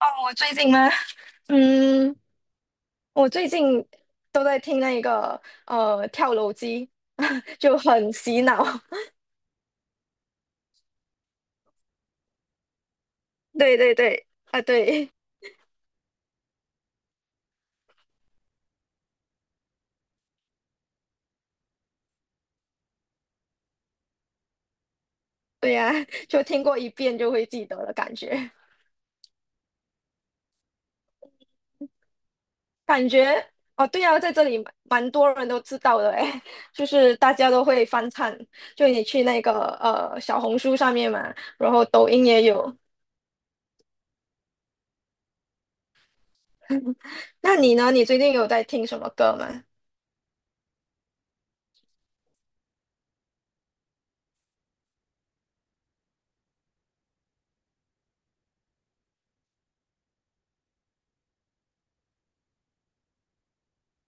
哦，我最近吗？嗯，我最近都在听那个跳楼机，就很洗脑。对对对，啊对对呀，就听过一遍就会记得的感觉。感觉哦，对呀，在这里蛮多人都知道的诶，就是大家都会翻唱。就你去那个小红书上面嘛，然后抖音也有。那你呢？你最近有在听什么歌吗？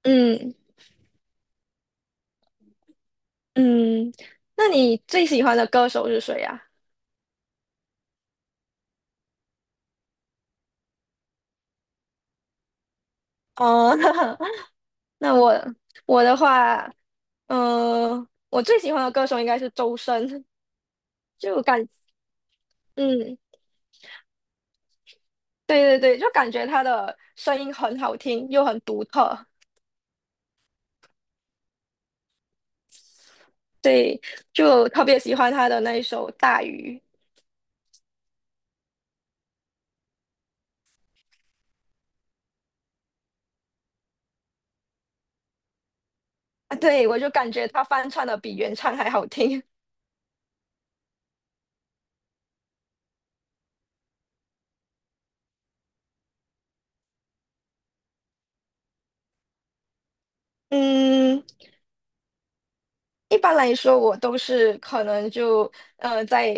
嗯嗯，那你最喜欢的歌手是谁呀？哦，那我的话，我最喜欢的歌手应该是周深，就感，嗯，对对对，就感觉他的声音很好听，又很独特，对，就特别喜欢他的那一首《大鱼》。啊，对，我就感觉他翻唱的比原唱还好听，嗯。一般来说，我都是可能就在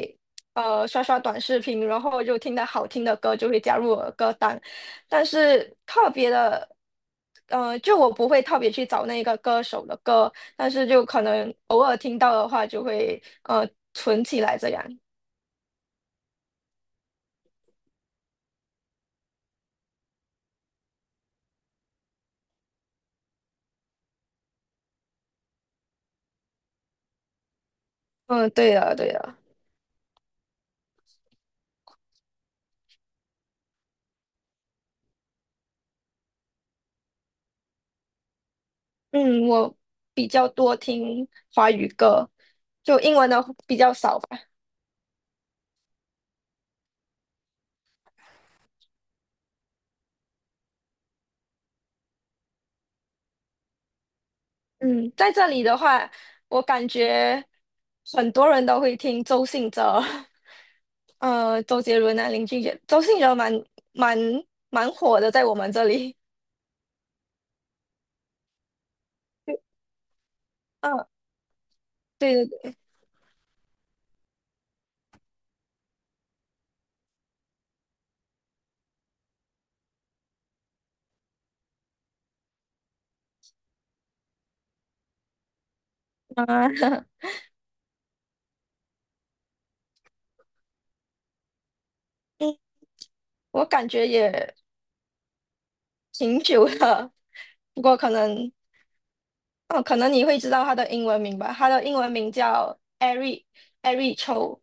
刷刷短视频，然后就听到好听的歌就会加入我的歌单，但是特别的，就我不会特别去找那个歌手的歌，但是就可能偶尔听到的话就会存起来这样。嗯，对的，对的。嗯，我比较多听华语歌，就英文的比较少吧。嗯，在这里的话，我感觉很多人都会听周信哲，周杰伦啊，林俊杰，周信哲蛮蛮火的，在我们这里。嗯，对对对，啊，嗯，我感觉也挺久了，不过可能，哦，可能你会知道他的英文名吧？他的英文名叫 Eric Chou，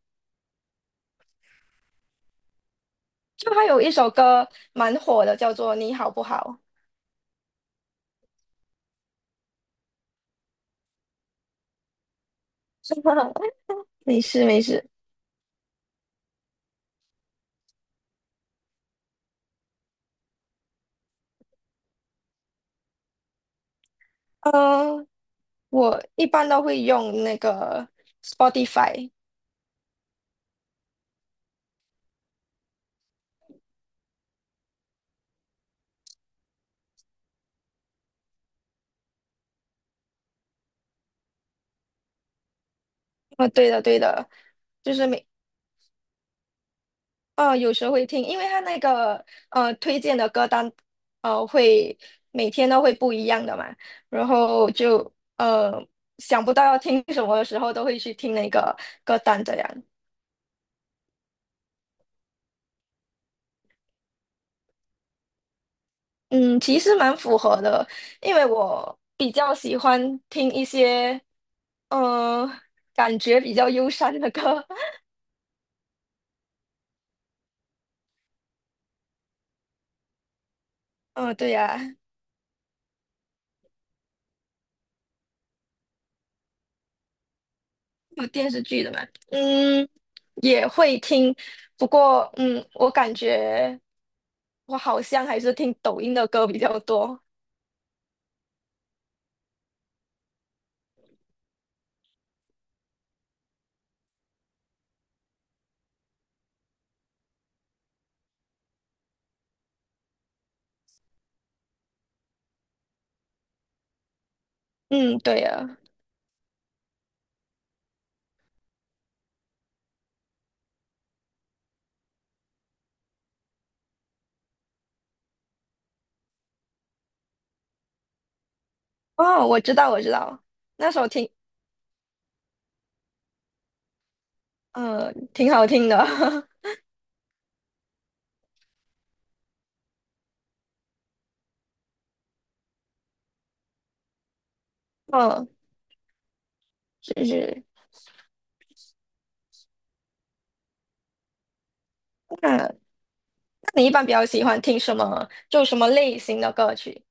就他有一首歌蛮火的，叫做《你好不好》。没事没事，嗯、我一般都会用那个 Spotify。对的，对的，就是有时候会听，因为它那个推荐的歌单会每天都会不一样的嘛，然后就想不到要听什么的时候，都会去听那个歌单这样。嗯，其实蛮符合的，因为我比较喜欢听一些呃感觉比较忧伤的歌。嗯、对呀，有电视剧的吗？嗯，也会听，不过我感觉我好像还是听抖音的歌比较多 嗯，对呀。哦，我知道，我知道，那首挺好听的。嗯，是是。那你一般比较喜欢听什么？就什么类型的歌曲？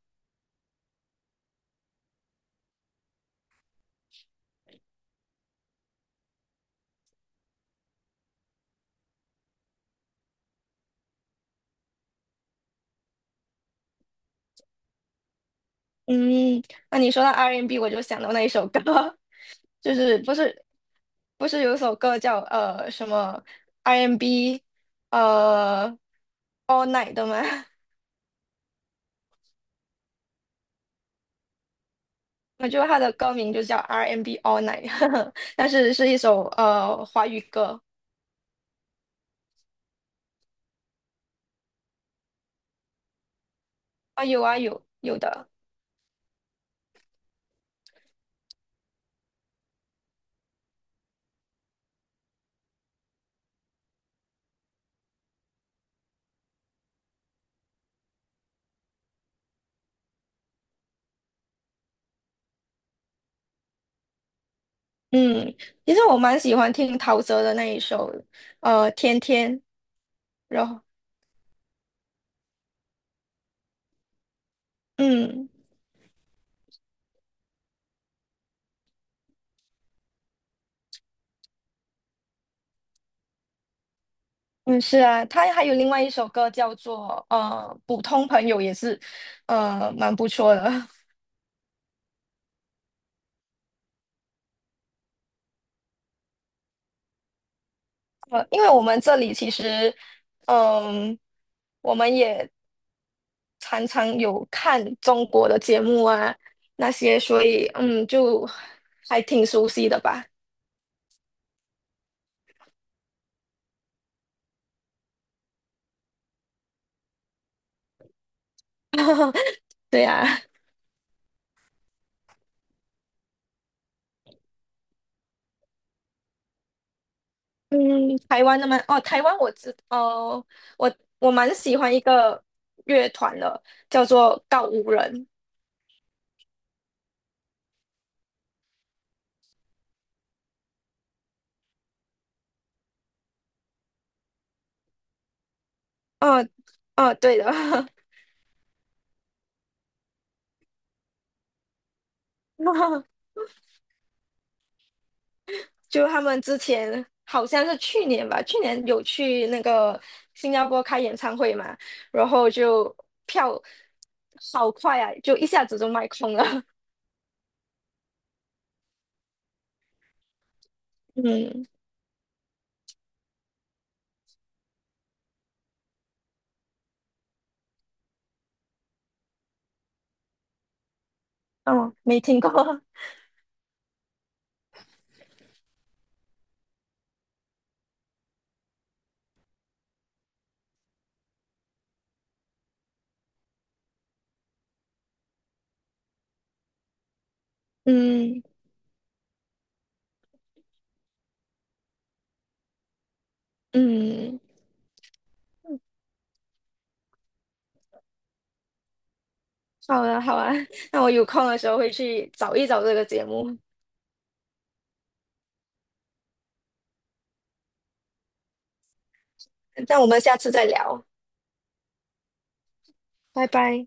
嗯，那你说到 R&B，我就想到那一首歌，就是不是有首歌叫什么 R&B 呃 All Night 的吗？我觉得它的歌名就叫 R&B All Night，但是是一首华语歌。啊，有啊有的，嗯，其实我蛮喜欢听陶喆的那一首天天，然后嗯。嗯，是啊，他还有另外一首歌叫做《普通朋友》，也是蛮不错的。因为我们这里其实，嗯、我们也常常有看中国的节目啊那些，所以就还挺熟悉的吧。对呀。嗯，台湾的吗？哦，台湾我知，哦，我我蛮喜欢一个乐团的，叫做告五人。哦哦，对的。就他们之前好像是去年吧，去年有去那个新加坡开演唱会嘛，然后就票好快啊，就一下子就卖空了。嗯，哦，没听过。嗯嗯，好啊好啊，那我有空的时候会去找一找这个节目。那我们下次再聊，拜拜。